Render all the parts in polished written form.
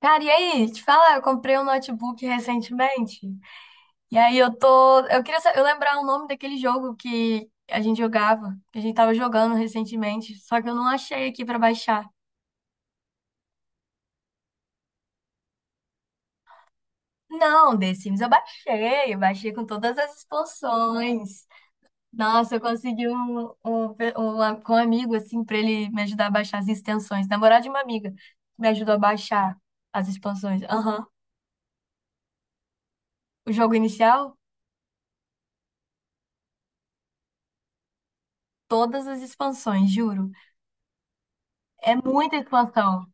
Cara, e aí? Te falar, eu comprei um notebook recentemente. E aí eu tô. Eu lembrar o nome daquele jogo que a gente jogava, que a gente tava jogando recentemente. Só que eu não achei aqui pra baixar. Não, The Sims eu baixei. Eu baixei com todas as expansões. Nossa, eu consegui com um amigo, assim, pra ele me ajudar a baixar as extensões. Namorado de uma amiga me ajudou a baixar as expansões. Aham. O jogo inicial, todas as expansões, juro. É muita expansão.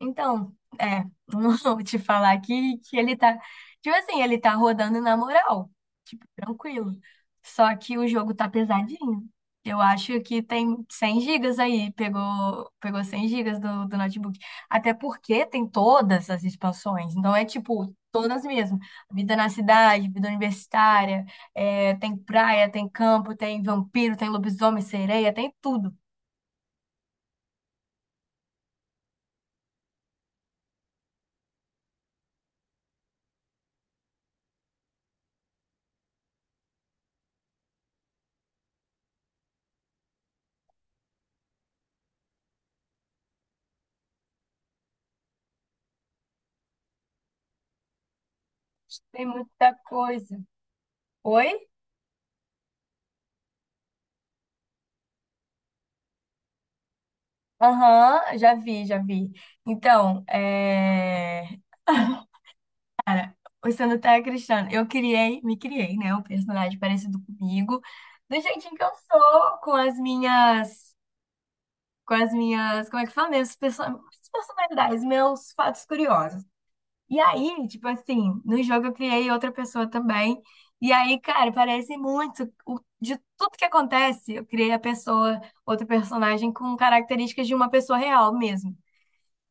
Então, é, não vou te falar que ele tá, tipo assim, ele tá rodando na moral, tipo, tranquilo. Só que o jogo tá pesadinho. Eu acho que tem 100 gigas aí, pegou, pegou 100 gigas do notebook. Até porque tem todas as expansões, então é tipo, todas mesmo. Vida na cidade, vida universitária, é, tem praia, tem campo, tem vampiro, tem lobisomem, sereia, tem tudo. Tem muita coisa. Oi? Aham, já vi, já vi. Então, é... O Sanutec Cristiano, eu criei, me criei, né? Um personagem parecido comigo, do jeitinho que eu sou, com as minhas, como é que fala mesmo? Minhas personalidades, meus fatos curiosos. E aí, tipo assim, no jogo eu criei outra pessoa também. E aí, cara, parece muito, de tudo que acontece, eu criei a pessoa, outro personagem com características de uma pessoa real mesmo.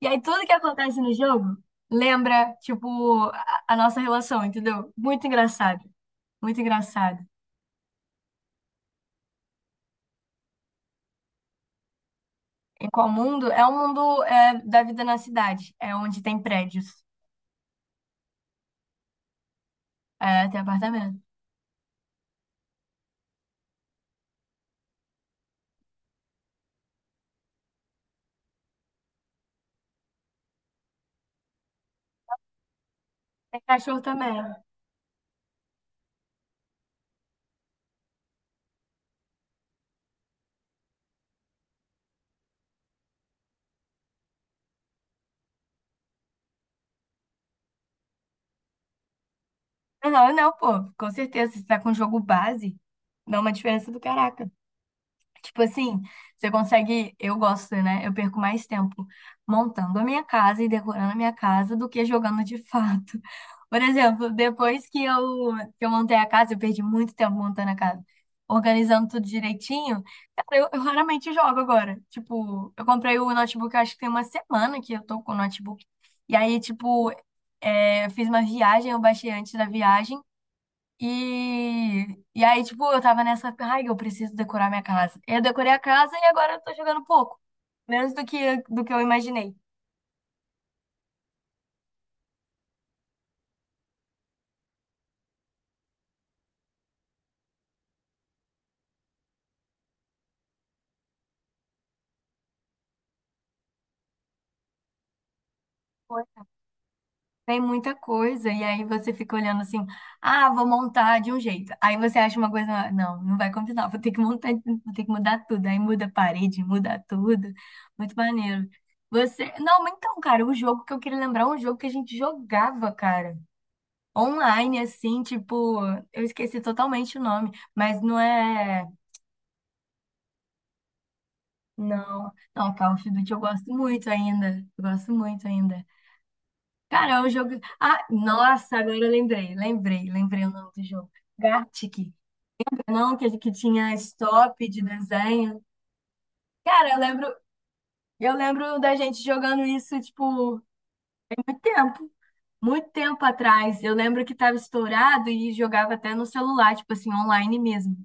E aí tudo que acontece no jogo lembra, tipo, a nossa relação, entendeu? Muito engraçado. Muito engraçado. Em qual mundo? É o mundo é, da vida na cidade. É onde tem prédios. É, tem apartamento. Tem cachorro também. Não, não, não, pô. Com certeza, se tá com jogo base, dá uma diferença do caraca. Tipo assim, você consegue. Eu gosto, né? Eu perco mais tempo montando a minha casa e decorando a minha casa do que jogando de fato. Por exemplo, depois que eu montei a casa, eu perdi muito tempo montando a casa, organizando tudo direitinho. Cara, eu raramente jogo agora. Tipo, eu comprei o notebook, eu acho que tem uma semana que eu tô com o notebook. E aí, tipo, é, eu fiz uma viagem, eu baixei antes da viagem. E, e aí, tipo, eu tava nessa, ai, eu preciso decorar minha casa. Eu decorei a casa e agora eu tô jogando pouco, menos do que eu imaginei. Pois. Tem muita coisa, e aí você fica olhando assim, ah, vou montar de um jeito. Aí você acha uma coisa, não, não vai combinar, vou ter que montar, vou ter que mudar tudo. Aí muda a parede, muda tudo. Muito maneiro. Você, não, mas então, cara, o jogo que eu queria lembrar é um jogo que a gente jogava, cara. Online, assim, tipo, eu esqueci totalmente o nome, mas não é. Não, não, Call of Duty eu gosto muito ainda. Eu gosto muito ainda. Cara, é um jogo. Ah, nossa, agora eu lembrei o nome do jogo. Gartic. Não, que tinha stop de desenho. Cara, eu lembro da gente jogando isso, tipo, muito tempo. Muito tempo atrás, eu lembro que tava estourado e jogava até no celular, tipo assim, online mesmo.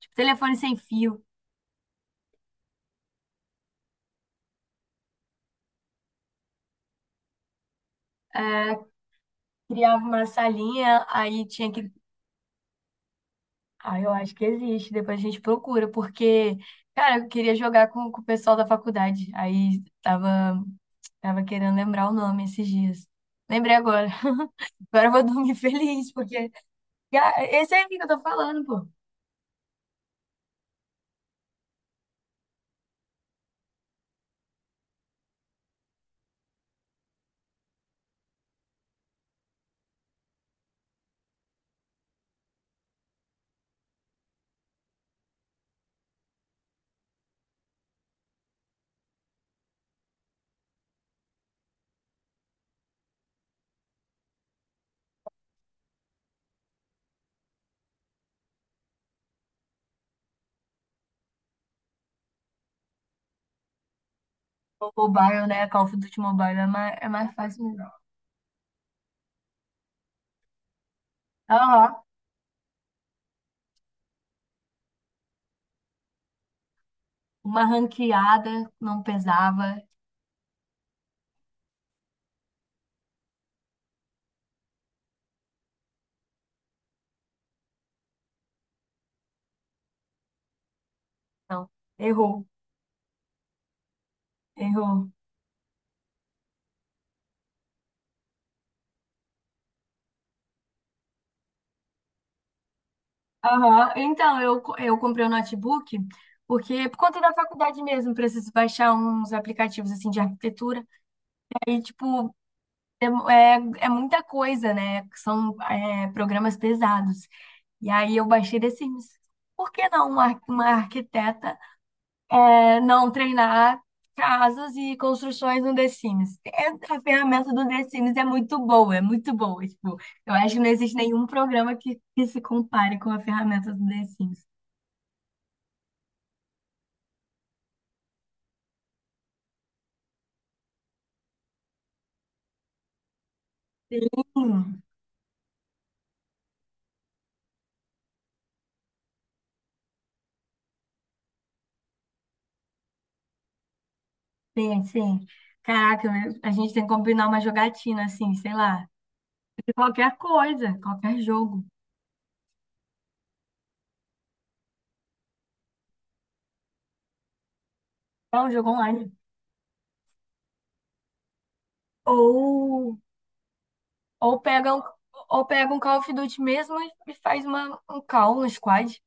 Tipo, telefone sem fio. eh, Criava uma salinha, aí tinha que. Ah, eu acho que existe, depois a gente procura, porque, cara, eu queria jogar com o pessoal da faculdade, aí tava, tava querendo lembrar o nome esses dias. Lembrei agora. Agora eu vou dormir feliz, porque ah, esse aí que eu tô falando, pô. O mobile, né? Call of Duty Mobile é mais fácil mesmo. Aham, uma ranqueada não pesava. Não, errou, errou. Aham. Então, eu comprei um notebook porque, por conta da faculdade mesmo, preciso baixar uns aplicativos, assim, de arquitetura. Aí, tipo, é muita coisa, né? São, é, programas pesados. E aí, eu baixei The Sims. Por que não uma, uma arquiteta, é, não treinar casas e construções no The Sims? É, a ferramenta do The Sims é muito boa, é muito boa. Tipo, eu acho que não existe nenhum programa que se compare com a ferramenta do The Sims. Sim, sim. Caraca, eu- a gente tem que combinar uma jogatina, assim, sei lá, de qualquer coisa, qualquer jogo. É um jogo online. Ou, ou pega um, ou pega um Call of Duty mesmo e faz uma, um call, um squad.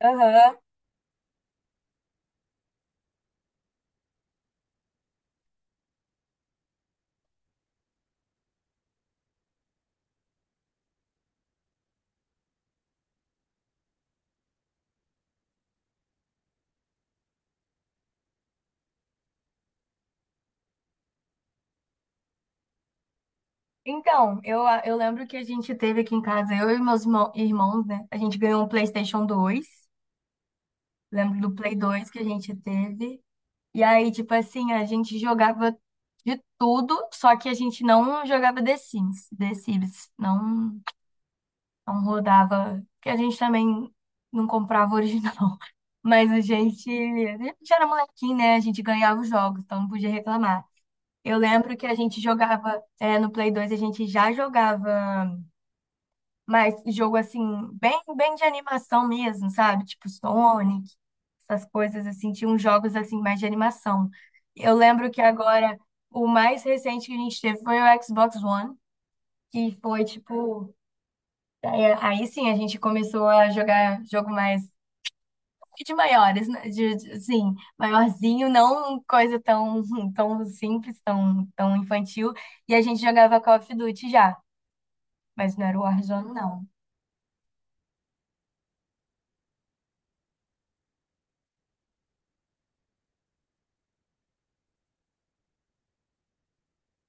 Aham. Então, eu lembro que a gente teve aqui em casa, eu e meus irmãos, né? A gente ganhou um PlayStation dois. Lembro do Play 2 que a gente teve. E aí, tipo assim, a gente jogava de tudo, só que a gente não jogava The Sims, não, não rodava, porque a gente também não comprava original. Mas a gente era molequinho, né? A gente ganhava os jogos, então não podia reclamar. Eu lembro que a gente jogava, é, no Play 2, a gente já jogava mas jogo assim, bem, bem de animação mesmo, sabe? Tipo Sonic, essas coisas assim, tinha uns jogos assim mais de animação. Eu lembro que agora o mais recente que a gente teve foi o Xbox One, que foi tipo, é, aí, sim a gente começou a jogar jogo mais de maiores, né? Assim, maiorzinho, não coisa tão, tão simples, tão, tão infantil. E a gente jogava Call of Duty já, mas não era o Warzone, não.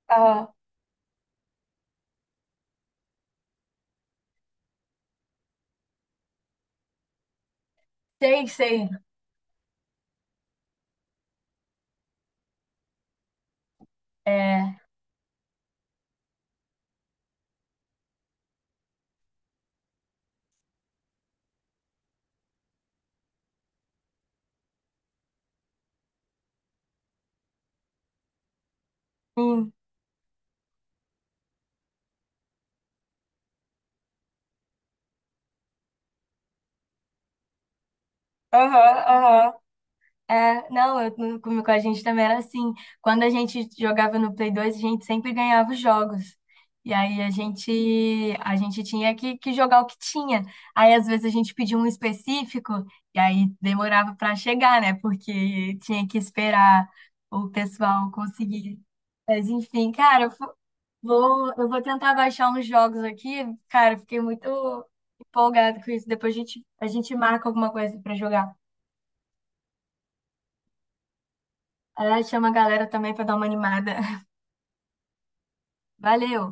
Ah, sei, sei. É, sim. Aham, aham. É, não, eu, no- com a gente também era assim. Quando a gente jogava no Play 2, a gente sempre ganhava os jogos. E aí a gente tinha que jogar o que tinha. Aí às vezes a gente pedia um específico e aí demorava para chegar, né? Porque tinha que esperar o pessoal conseguir. Mas enfim, cara, vou, eu vou tentar baixar uns jogos aqui. Cara, eu fiquei muito empolgada com isso. Depois a gente marca alguma coisa para jogar. Ah, chama a galera também pra dar uma animada. Valeu!